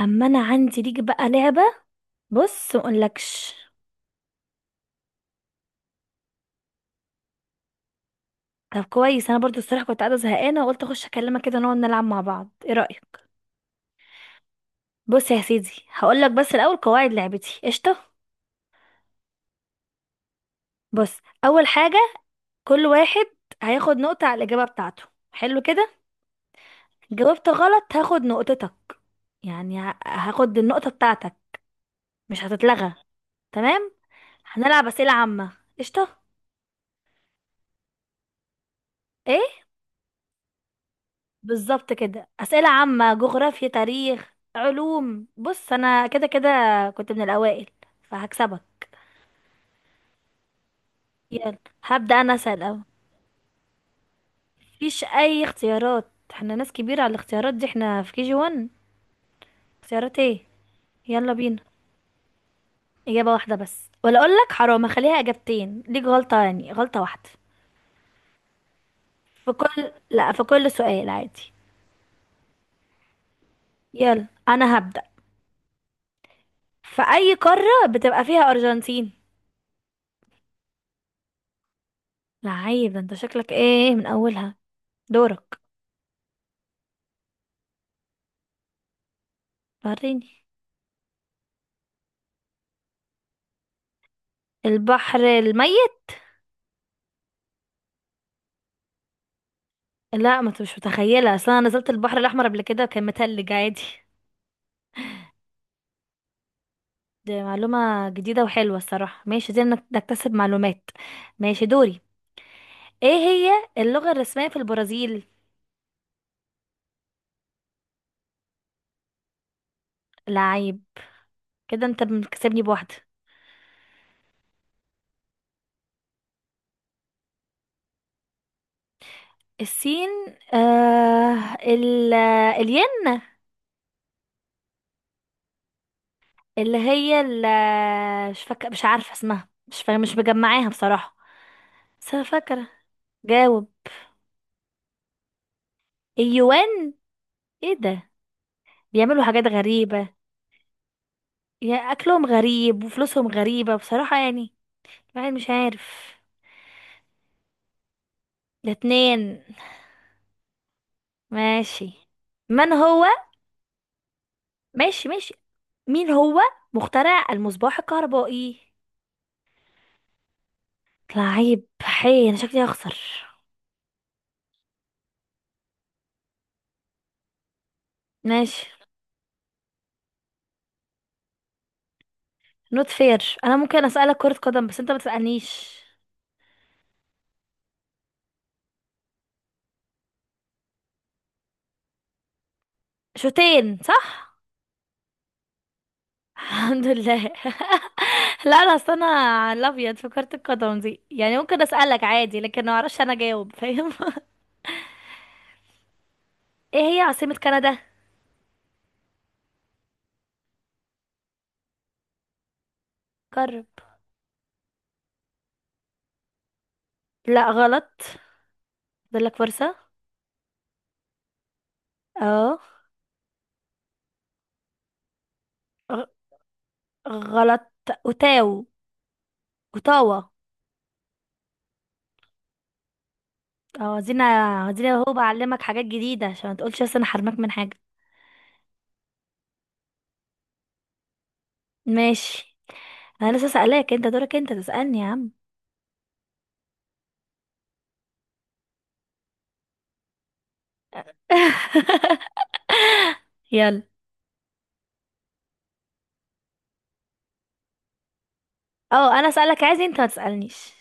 اما انا عندي ليك بقى لعبه. بص، ما اقولكش. طب كويس، انا برضو الصراحه كنت قاعده زهقانه وقلت اخش اكلمك كده نقعد نلعب مع بعض، ايه رايك؟ بص يا سيدي، هقولك بس الاول قواعد لعبتي، قشطه. بص، اول حاجه، كل واحد هياخد نقطه على الاجابه بتاعته، حلو كده. جاوبت غلط هاخد نقطتك، يعني هاخد النقطه بتاعتك، مش هتتلغى. تمام. هنلعب اسئله عامه، قشطه. ايه؟ بالظبط كده، أسئلة عامة، جغرافيا، تاريخ، علوم. بص، أنا كده كده كنت من الأوائل فهكسبك. يلا، هبدأ أنا أسأل أول. مفيش أي اختيارات، احنا ناس كبيرة على الاختيارات دي، احنا في KG1، اختيارات ايه. يلا بينا. إجابة واحدة بس، ولا أقول لك حرام أخليها إجابتين ليك، غلطة يعني غلطة واحدة. في كل، لا، في كل سؤال عادي. يلا أنا هبدأ. في أي قارة بتبقى فيها أرجنتين؟ لعيب، ده انت شكلك ايه من أولها. دورك. وريني. البحر الميت. لا، ما انت مش متخيله، اصل انا نزلت البحر الاحمر قبل كده وكان متلج عادي. دي معلومه جديده وحلوه الصراحه، ماشي دي انك نكتسب معلومات. ماشي دوري. ايه هي اللغه الرسميه في البرازيل؟ لعيب، كده انت مكسبني بواحده. السين، آه ال الين. اللي هي ال، مش فاكره، مش عارفه اسمها، مش فاكره، مش مجمعاها بصراحه. بس انا فاكره. جاوب. اليوان. ايه ده، بيعملوا حاجات غريبه، يعني اكلهم غريب وفلوسهم غريبة بصراحة، يعني الواحد مش عارف. ده اتنين. ماشي. من هو، ماشي ماشي، مين هو مخترع المصباح الكهربائي؟ لعيب حي، انا شكلي هخسر. ماشي. نوت فير، انا ممكن اسألك كرة قدم بس انت ما تسألنيش. شوتين صح؟ الحمد لله. لا، انا اصل انا على الابيض في كرة القدم دي، يعني ممكن اسألك عادي لكن ما اعرفش انا اجاوب، فاهم؟ ايه هي عاصمة كندا؟ قرب. لا، غلط، فاضلك فرصة. اه، غ- غلط. اوتاو اوتاوا. اه، عايزين عايزين اهو بعلمك حاجات جديدة عشان ما تقولش بس انا حرمك من حاجة. ماشي، انا لسه سألاك، انت دورك انت تسألني يا عم. يلا. اه، انا اسألك عايز، انت ما تسألنيش.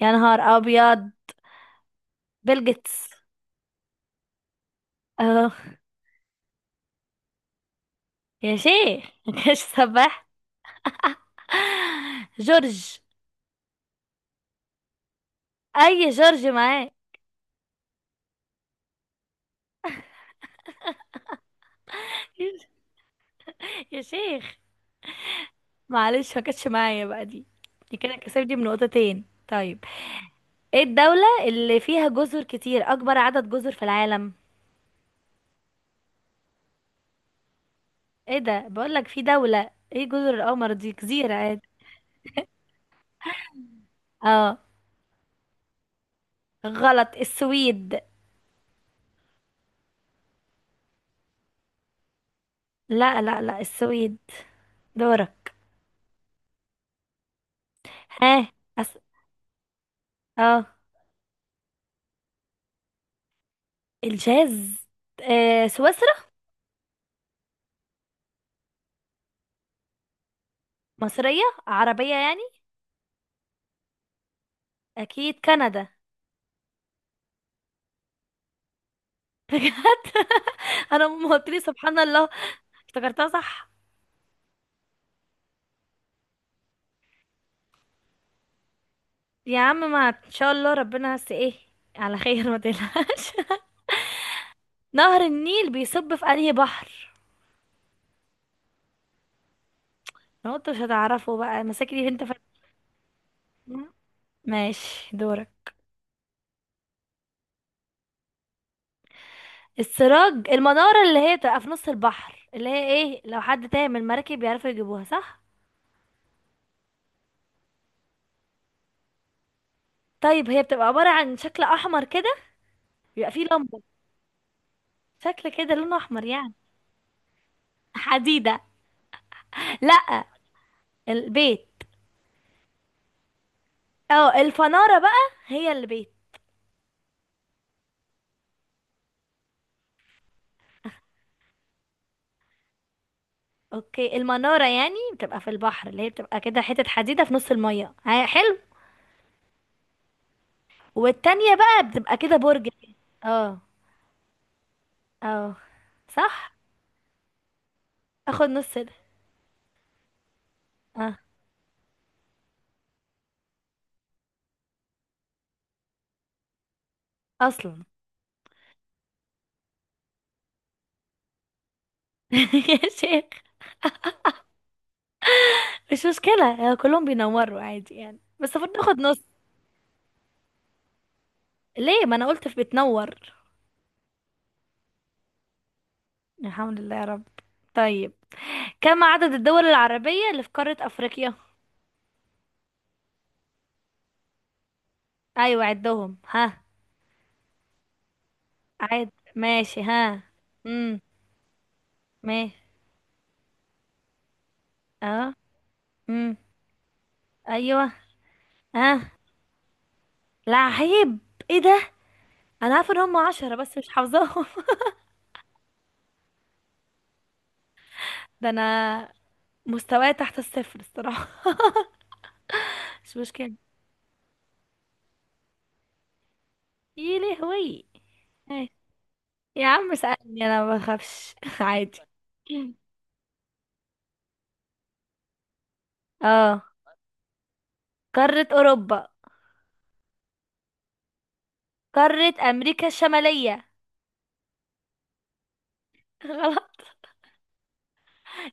يا نهار ابيض، بيل جيتس. اه. يا شيخ، مكانش سباح. جورج. اي جورج معاك؟ يا شيخ. معلش، ما كانتش معايا بقى دي، دي كده كسبتي من نقطتين، طيب. ايه الدولة اللي فيها جزر كتير، اكبر عدد جزر في العالم؟ ايه ده، بقول لك في دولة ايه، جزر القمر دي جزيرة عادي. اه غلط، السويد. لا، لا، لا، السويد. دورك. ها. أس... اه، الجاز. سويسرا. مصرية، عربية يعني. اكيد كندا. بجد؟ انا ما قلت لي سبحان الله، افتكرتها صح. يا عم ما ان شاء الله ربنا، بس ايه على خير ما تقلقش. نهر النيل بيصب في انهي بحر؟ لو انت مش هتعرفه بقى مساكني انت فاكر. ماشي دورك. السراج، المنارة اللي هي بتبقى في نص البحر، اللي هي ايه، لو حد تايه من المراكب بيعرفوا يجيبوها، صح. طيب، هي بتبقى عبارة عن شكل احمر كده، بيبقى فيه لمبة. شكل كده لونه احمر يعني. حديدة. لا، البيت. اه، الفنارة بقى هي البيت. اوكي، المنارة يعني بتبقى في البحر، اللي هي بتبقى كده حتة حديدة في نص المية، حلو. والتانية بقى بتبقى كده برج كده. اه. اه صح. اخد نص ده. اه. اصلا. يا شيخ. مش مشكلة، كلهم بينوروا عادي يعني، بس المفروض ناخد نص. ليه، ما انا قلت في بتنور. الحمد لله يا رب. طيب، كم عدد الدول العربية اللي في قارة افريقيا؟ ايوه عدهم، ها. عد. ماشي، ها. امم. ماشي اه. امم. ايوه. ها. لا عيب، ايه ده، انا عارفه ان هم 10 بس مش حافظاهم. ده انا مستواي تحت الصفر الصراحه. مش مشكله. ايه لهوي؟ إيه. يا عم سألني، انا ما بخافش عادي. اه. قاره اوروبا. قاره امريكا الشماليه. غلط.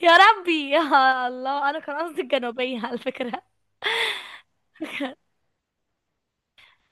يا ربي، يا الله، انا كان قصدي الجنوبيه على فكره.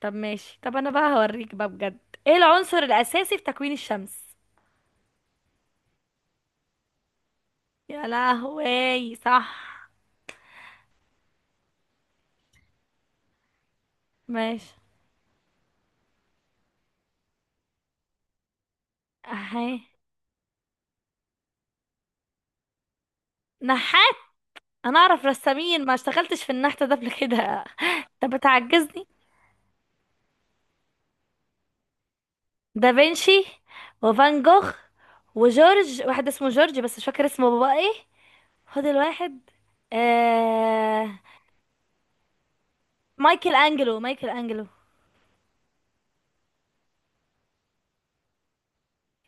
طب ماشي، طب انا بقى هوريك بقى بجد. ايه العنصر الاساسي في تكوين الشمس؟ يا لهوي، صح. ماشي. اهي. نحاس. انا اعرف رسامين، ما اشتغلتش في النحت ده قبل كده. انت بتعجزني. دافنشي، وفان جوخ، وجورج، واحد اسمه جورج بس مش فاكر اسمه بابا ايه. خد الواحد. آه... مايكل انجلو، مايكل انجلو.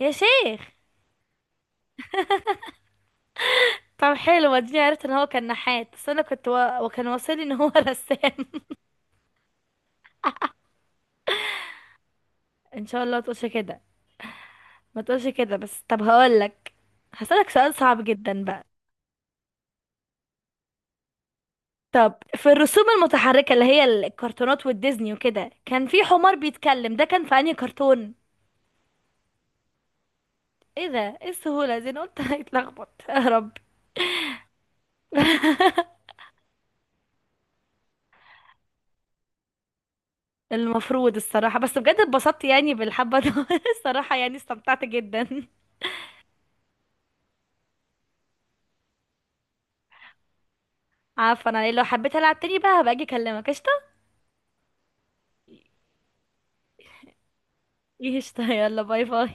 يا شيخ. طب حلو، اديني عرفت ان هو كان نحات، بس انا كنت وكان واصلي ان هو رسام. ان شاء الله ما تقولش كده، ما تقولش كده بس، طب هقولك، هسألك سؤال صعب جدا بقى. طب في الرسوم المتحركة اللي هي الكرتونات والديزني وكده، كان في حمار بيتكلم، ده كان في انهي كرتون؟ ايه ده، ايه السهولة دي، انا قلت هيتلخبط يا رب. المفروض الصراحة، بس بجد اتبسطت يعني بالحبة دي. الصراحة يعني استمتعت جدا. عفوا، انا لو حبيت العب تاني بقى هبقى اجي اكلمك، قشطة. قشطة، يلا باي باي.